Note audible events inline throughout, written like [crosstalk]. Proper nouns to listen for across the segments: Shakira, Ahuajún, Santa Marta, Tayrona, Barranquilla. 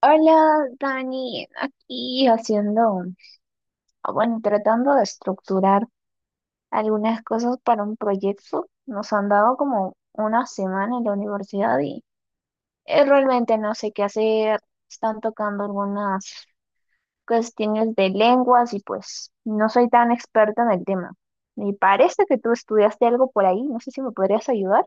Hola, Dani, aquí haciendo, bueno, tratando de estructurar algunas cosas para un proyecto. Nos han dado como una semana en la universidad y realmente no sé qué hacer. Están tocando algunas cuestiones de lenguas y pues no soy tan experta en el tema. Me parece que tú estudiaste algo por ahí, no sé si me podrías ayudar.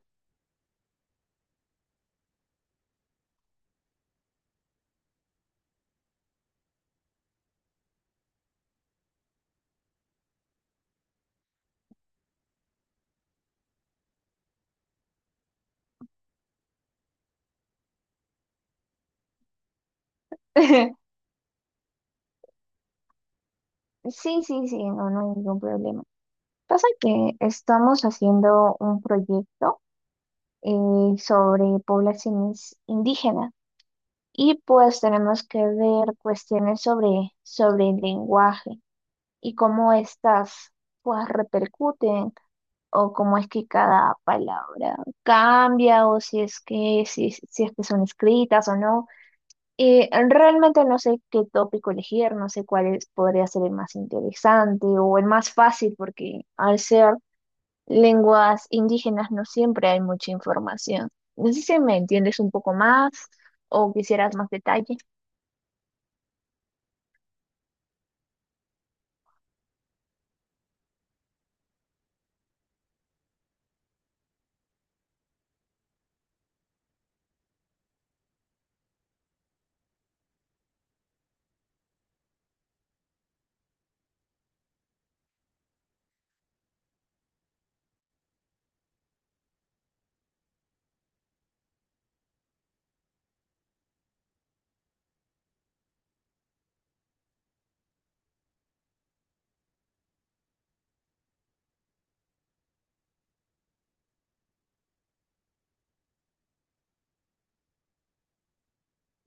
[laughs] Sí, sí, sí, no, no hay ningún problema. Pasa que estamos haciendo un proyecto sobre poblaciones indígenas. Y pues tenemos que ver cuestiones sobre el lenguaje y cómo estas pues repercuten o cómo es que cada palabra cambia o si es que, si es que son escritas o no. Realmente no sé qué tópico elegir, no sé podría ser el más interesante o el más fácil porque al ser lenguas indígenas no siempre hay mucha información. No sé si me entiendes un poco más o quisieras más detalle.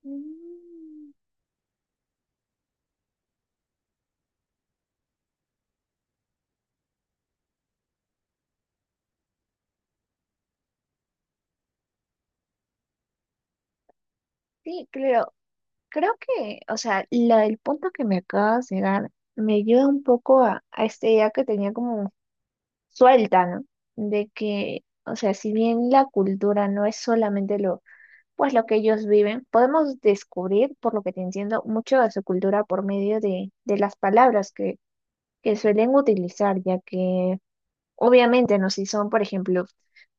Mm, sí, creo que, o sea, el punto que me acabas de dar me ayuda un poco a esta idea que tenía como suelta, ¿no? De que, o sea, si bien la cultura no es solamente lo, pues lo que ellos viven, podemos descubrir, por lo que te entiendo, mucho de su cultura por medio de las palabras que suelen utilizar, ya que obviamente, no si son, por ejemplo,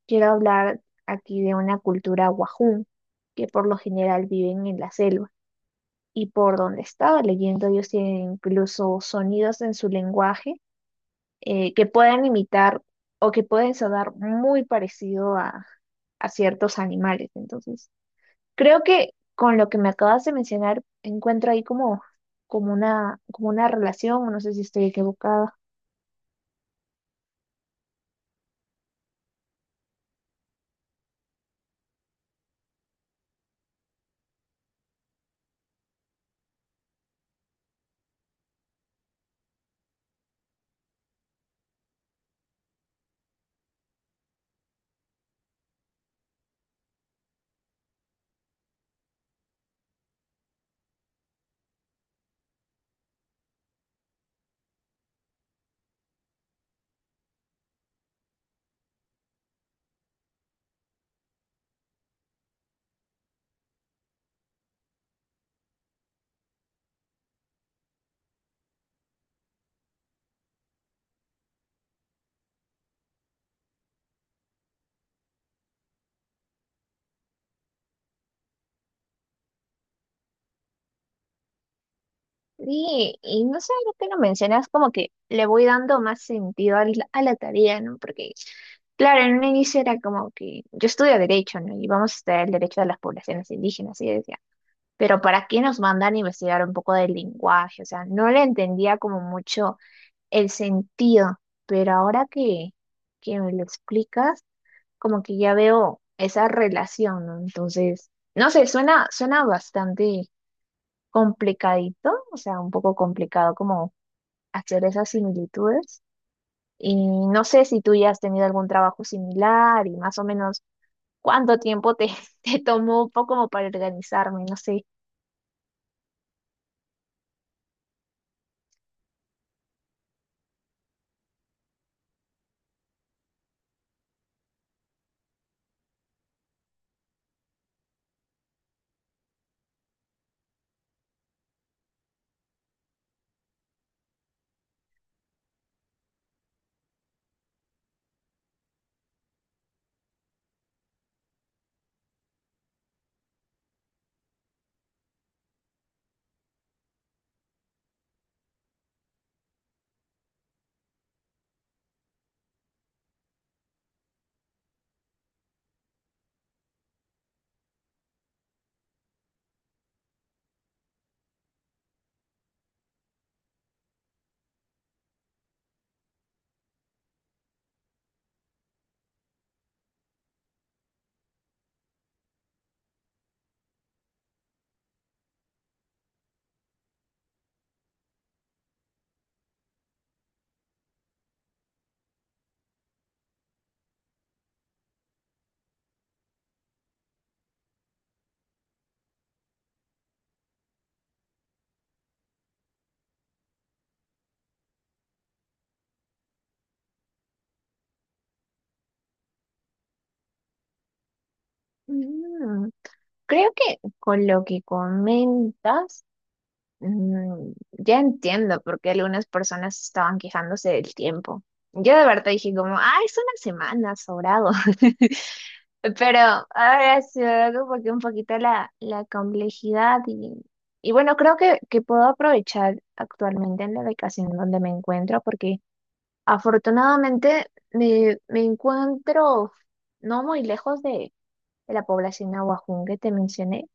quiero hablar aquí de una cultura wajún, que por lo general viven en la selva. Y por donde estaba leyendo, ellos tienen incluso sonidos en su lenguaje que pueden imitar o que pueden sonar muy parecido a ciertos animales. Entonces, creo que con lo que me acabas de mencionar, encuentro ahí como, como una relación, o no sé si estoy equivocada. Sí, y no sé, ahora que lo mencionas, como que le voy dando más sentido a la tarea, ¿no? Porque, claro, en un inicio era como que yo estudio derecho, ¿no? Y vamos a estudiar el derecho de las poblaciones indígenas, y yo decía, pero ¿para qué nos mandan a investigar un poco del lenguaje? O sea, no le entendía como mucho el sentido, pero ahora que me lo explicas, como que ya veo esa relación, ¿no? Entonces, no sé, suena, suena bastante complicadito, o sea, un poco complicado como hacer esas similitudes. Y no sé si tú ya has tenido algún trabajo similar y más o menos cuánto tiempo te, [laughs] te tomó un poco como para organizarme, no sé. Mm, creo que con lo que comentas. Mm, ya entiendo por qué algunas personas estaban quejándose del tiempo. Yo de verdad dije como, ah, es una semana, sobrado. [laughs] Pero ahora se ve como que un poquito la complejidad y bueno, creo que puedo aprovechar actualmente en la ubicación donde me encuentro porque afortunadamente me, me encuentro no muy lejos de la población Ahuajún que te mencioné.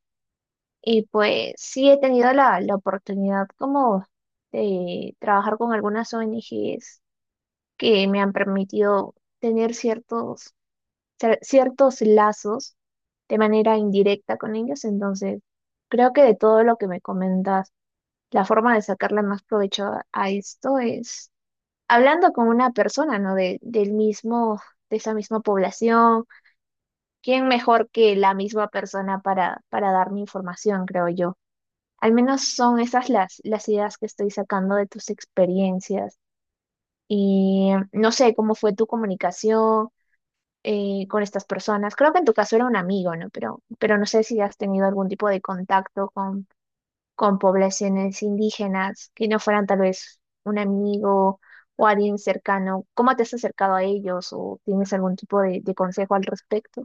Y pues sí he tenido la oportunidad como de trabajar con algunas ONGs que me han permitido tener ciertos, ciertos lazos de manera indirecta con ellos. Entonces, creo que de todo lo que me comentas, la forma de sacarle más provecho a esto es hablando con una persona, ¿no? De, del mismo, de esa misma población. ¿Quién mejor que la misma persona para darme información, creo yo? Al menos son esas las ideas que estoy sacando de tus experiencias. Y no sé cómo fue tu comunicación con estas personas. Creo que en tu caso era un amigo, ¿no? Pero no sé si has tenido algún tipo de contacto con poblaciones indígenas que no fueran tal vez un amigo o alguien cercano. ¿Cómo te has acercado a ellos o tienes algún tipo de consejo al respecto?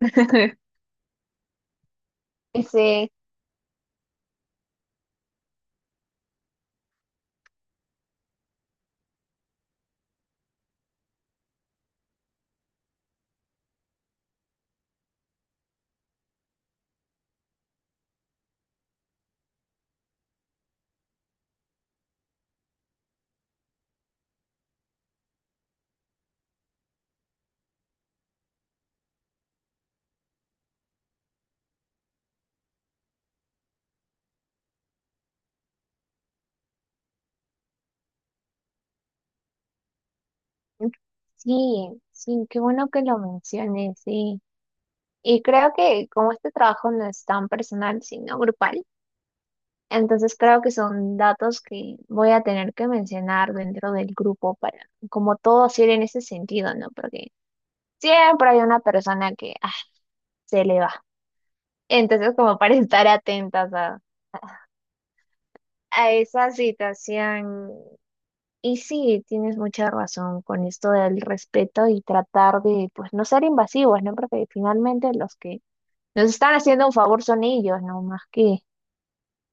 [laughs] Ese, sí, sí, qué bueno que lo menciones, sí. Y creo que como este trabajo no es tan personal, sino grupal, entonces creo que son datos que voy a tener que mencionar dentro del grupo para como todo hacer en ese sentido, ¿no? Porque siempre hay una persona que se le va. Entonces como para [laughs] estar atentas a esa situación. Y sí, tienes mucha razón con esto del respeto y tratar de pues no ser invasivos, ¿no? Porque finalmente los que nos están haciendo un favor son ellos, ¿no? Más que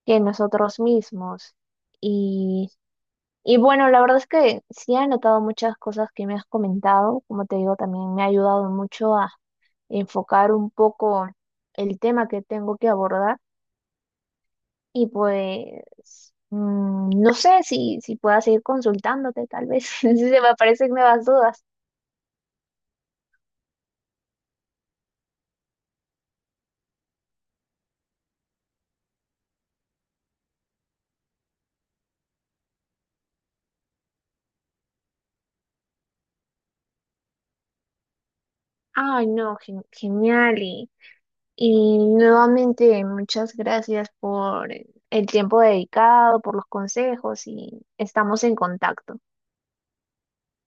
que nosotros mismos. Y, y bueno, la verdad es que sí he anotado muchas cosas que me has comentado. Como te digo, también me ha ayudado mucho a enfocar un poco el tema que tengo que abordar. Y pues, mm, no sé si, si pueda seguir consultándote, tal vez, [laughs] si se me aparecen nuevas dudas. Ay, no, genial. Y nuevamente, muchas gracias por el tiempo dedicado, por los consejos y estamos en contacto.